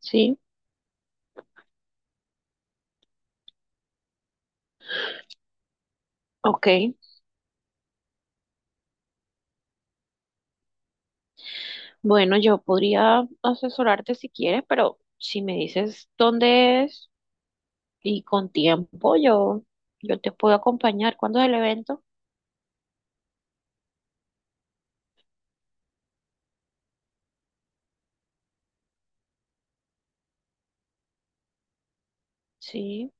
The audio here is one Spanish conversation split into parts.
Sí, ok. Bueno, yo podría asesorarte si quieres, pero si me dices dónde es y con tiempo, yo te puedo acompañar. ¿Cuándo es el evento? Sí,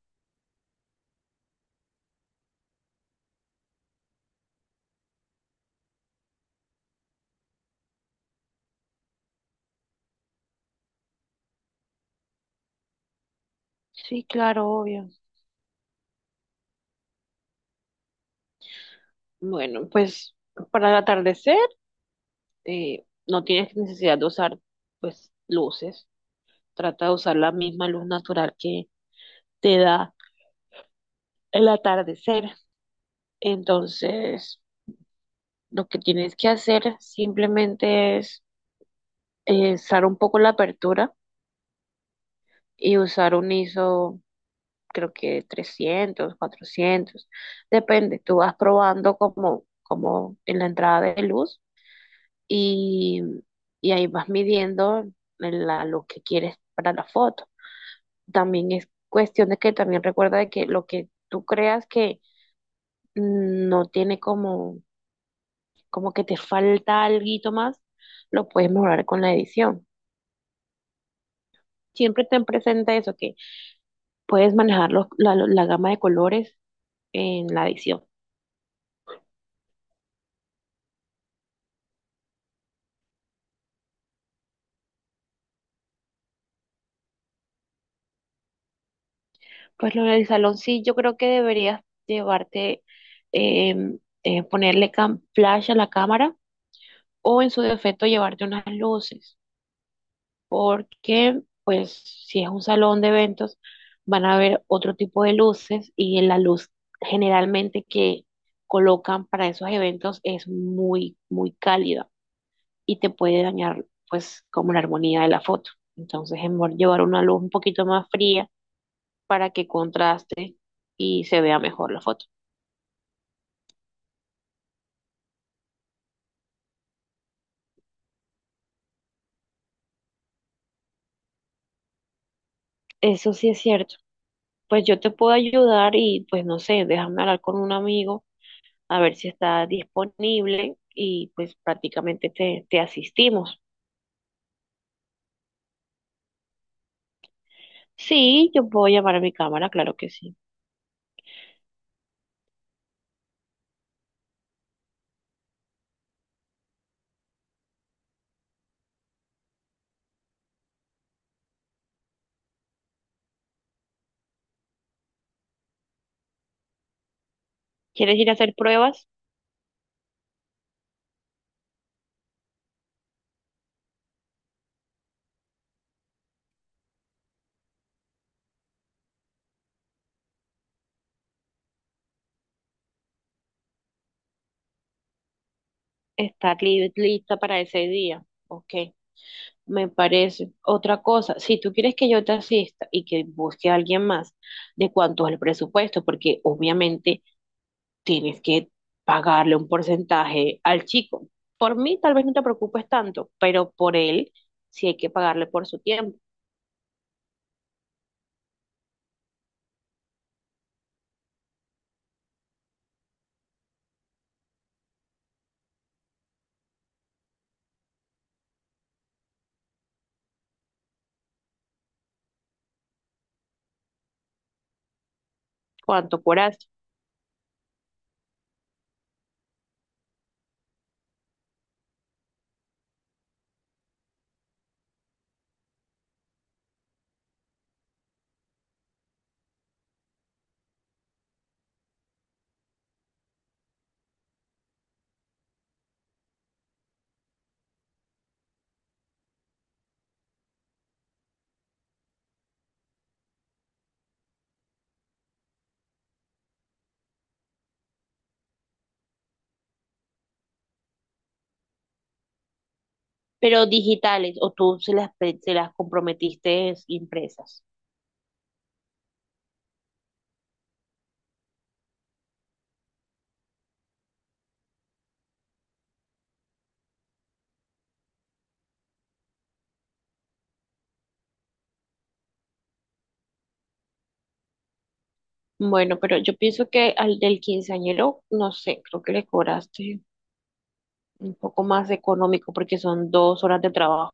sí, claro, obvio. Bueno, pues para el atardecer no tienes necesidad de usar pues luces. Trata de usar la misma luz natural que te da el atardecer. Entonces, lo que tienes que hacer simplemente es zar un poco la apertura y usar un ISO, creo que 300 400 depende, tú vas probando como en la entrada de luz y, y ahí vas midiendo lo que quieres para la foto. También es cuestión de que también recuerda de que lo que tú creas que no tiene como que te falta algo más, lo puedes mejorar con la edición. Siempre ten presente eso, que puedes manejar la gama de colores en la edición. Pues lo del salón sí, yo creo que deberías llevarte, ponerle flash a la cámara o en su defecto llevarte unas luces, porque pues si es un salón de eventos van a haber otro tipo de luces y la luz generalmente que colocan para esos eventos es muy, muy cálida y te puede dañar pues como la armonía de la foto. Entonces es mejor llevar una luz un poquito más fría para que contraste y se vea mejor la foto. Eso sí es cierto. Pues yo te puedo ayudar y pues no sé, déjame hablar con un amigo a ver si está disponible y pues prácticamente te asistimos. Sí, yo puedo llamar a mi cámara, claro que sí. ¿Quieres ir a hacer pruebas? Estar lista para ese día. Ok, me parece. Otra cosa, si tú quieres que yo te asista y que busque a alguien más, ¿de cuánto es el presupuesto? Porque obviamente tienes que pagarle un porcentaje al chico. Por mí tal vez no te preocupes tanto, pero por él sí hay que pagarle por su tiempo, cuánto curaste. Pero digitales o tú se las comprometiste impresas. Bueno, pero yo pienso que al del quinceañero, no sé, creo que le cobraste un poco más económico porque son 2 horas de trabajo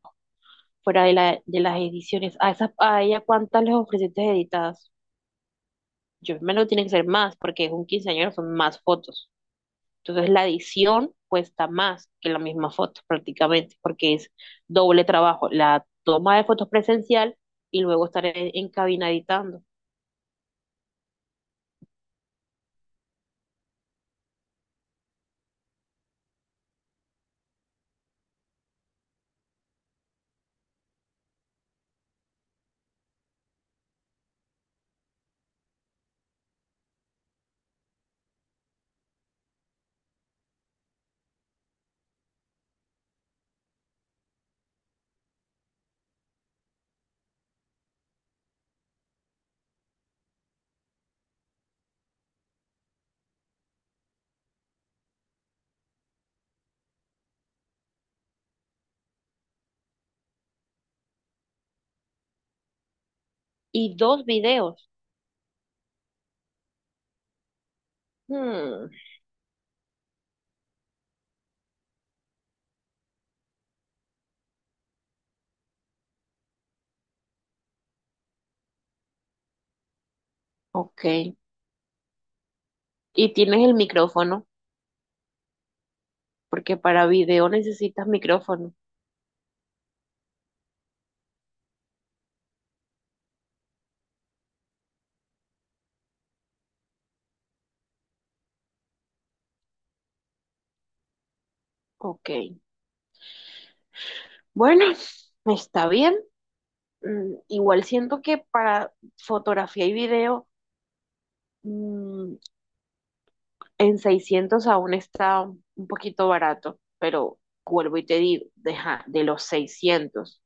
fuera de las ediciones. ¿A ella cuántas les ofreciste editadas? Yo me lo tienen que ser más porque es un quinceañero, son más fotos. Entonces la edición cuesta más que la misma foto prácticamente, porque es doble trabajo, la toma de fotos presencial y luego estar en cabina editando. Y dos videos. Hmm, ok. Y tienes el micrófono, porque para video necesitas micrófono. Ok. Bueno, está bien. Igual siento que para fotografía y video mm, en 600 aún está un poquito barato, pero vuelvo y te digo, deja, de los 600,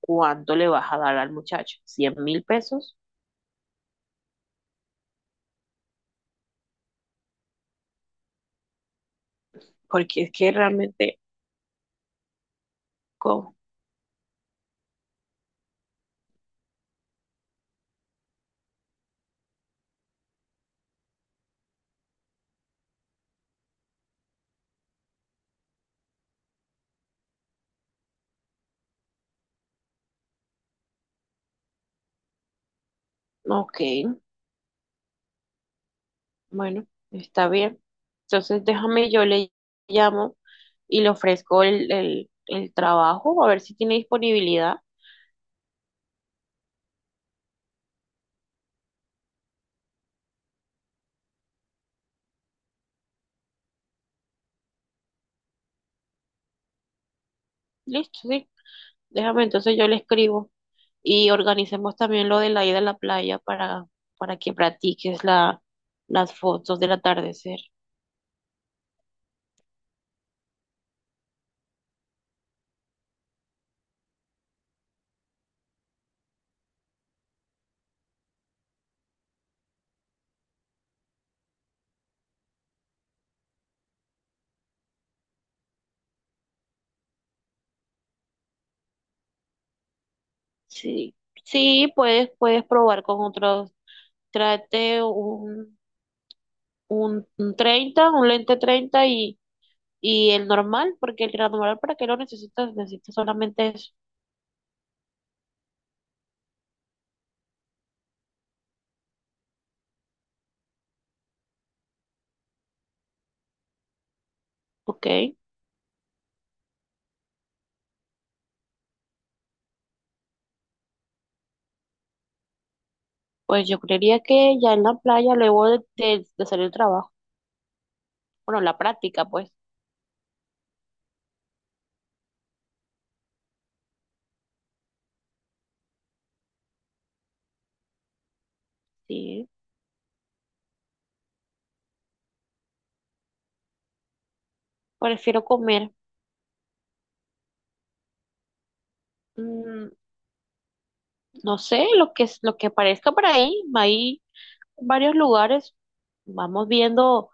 ¿cuánto le vas a dar al muchacho? ¿100.000 pesos? Porque es que realmente, ¿cómo? Ok, bueno, está bien. Entonces déjame, yo le llamo y le ofrezco el trabajo, a ver si tiene disponibilidad. Listo, sí. Déjame, entonces yo le escribo y organicemos también lo de la ida a la playa para que practiques las fotos del atardecer. Sí, sí, puedes probar con otros. Trate un 30, un lente 30 y el normal, porque el normal, ¿para qué lo necesitas? Necesitas solamente eso. Ok, pues yo creería que ya en la playa, luego de salir del trabajo, bueno, la práctica, pues, sí, prefiero comer. Mm, No sé, lo que aparezca por ahí, hay varios lugares, vamos viendo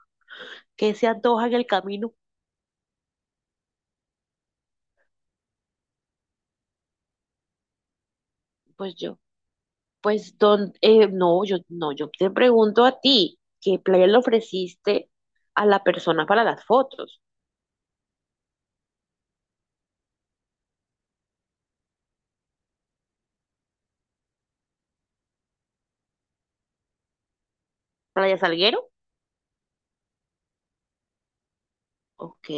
qué se antoja en el camino. Pues no, yo no, yo te pregunto a ti, ¿qué playa le ofreciste a la persona para las fotos? ¿Playa Salguero? Ok,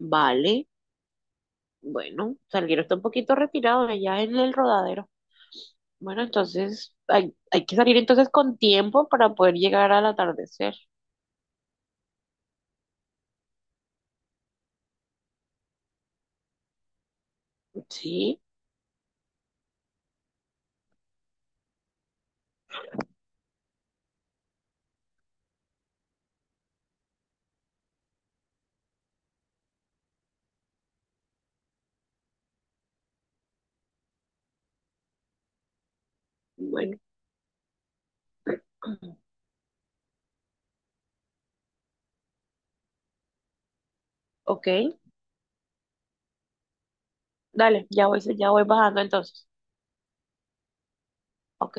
vale, bueno, Salguero está un poquito retirado de allá en el Rodadero. Bueno, entonces hay que salir entonces con tiempo para poder llegar al atardecer. Sí, bueno, ok. Dale, ya voy bajando entonces. Ok.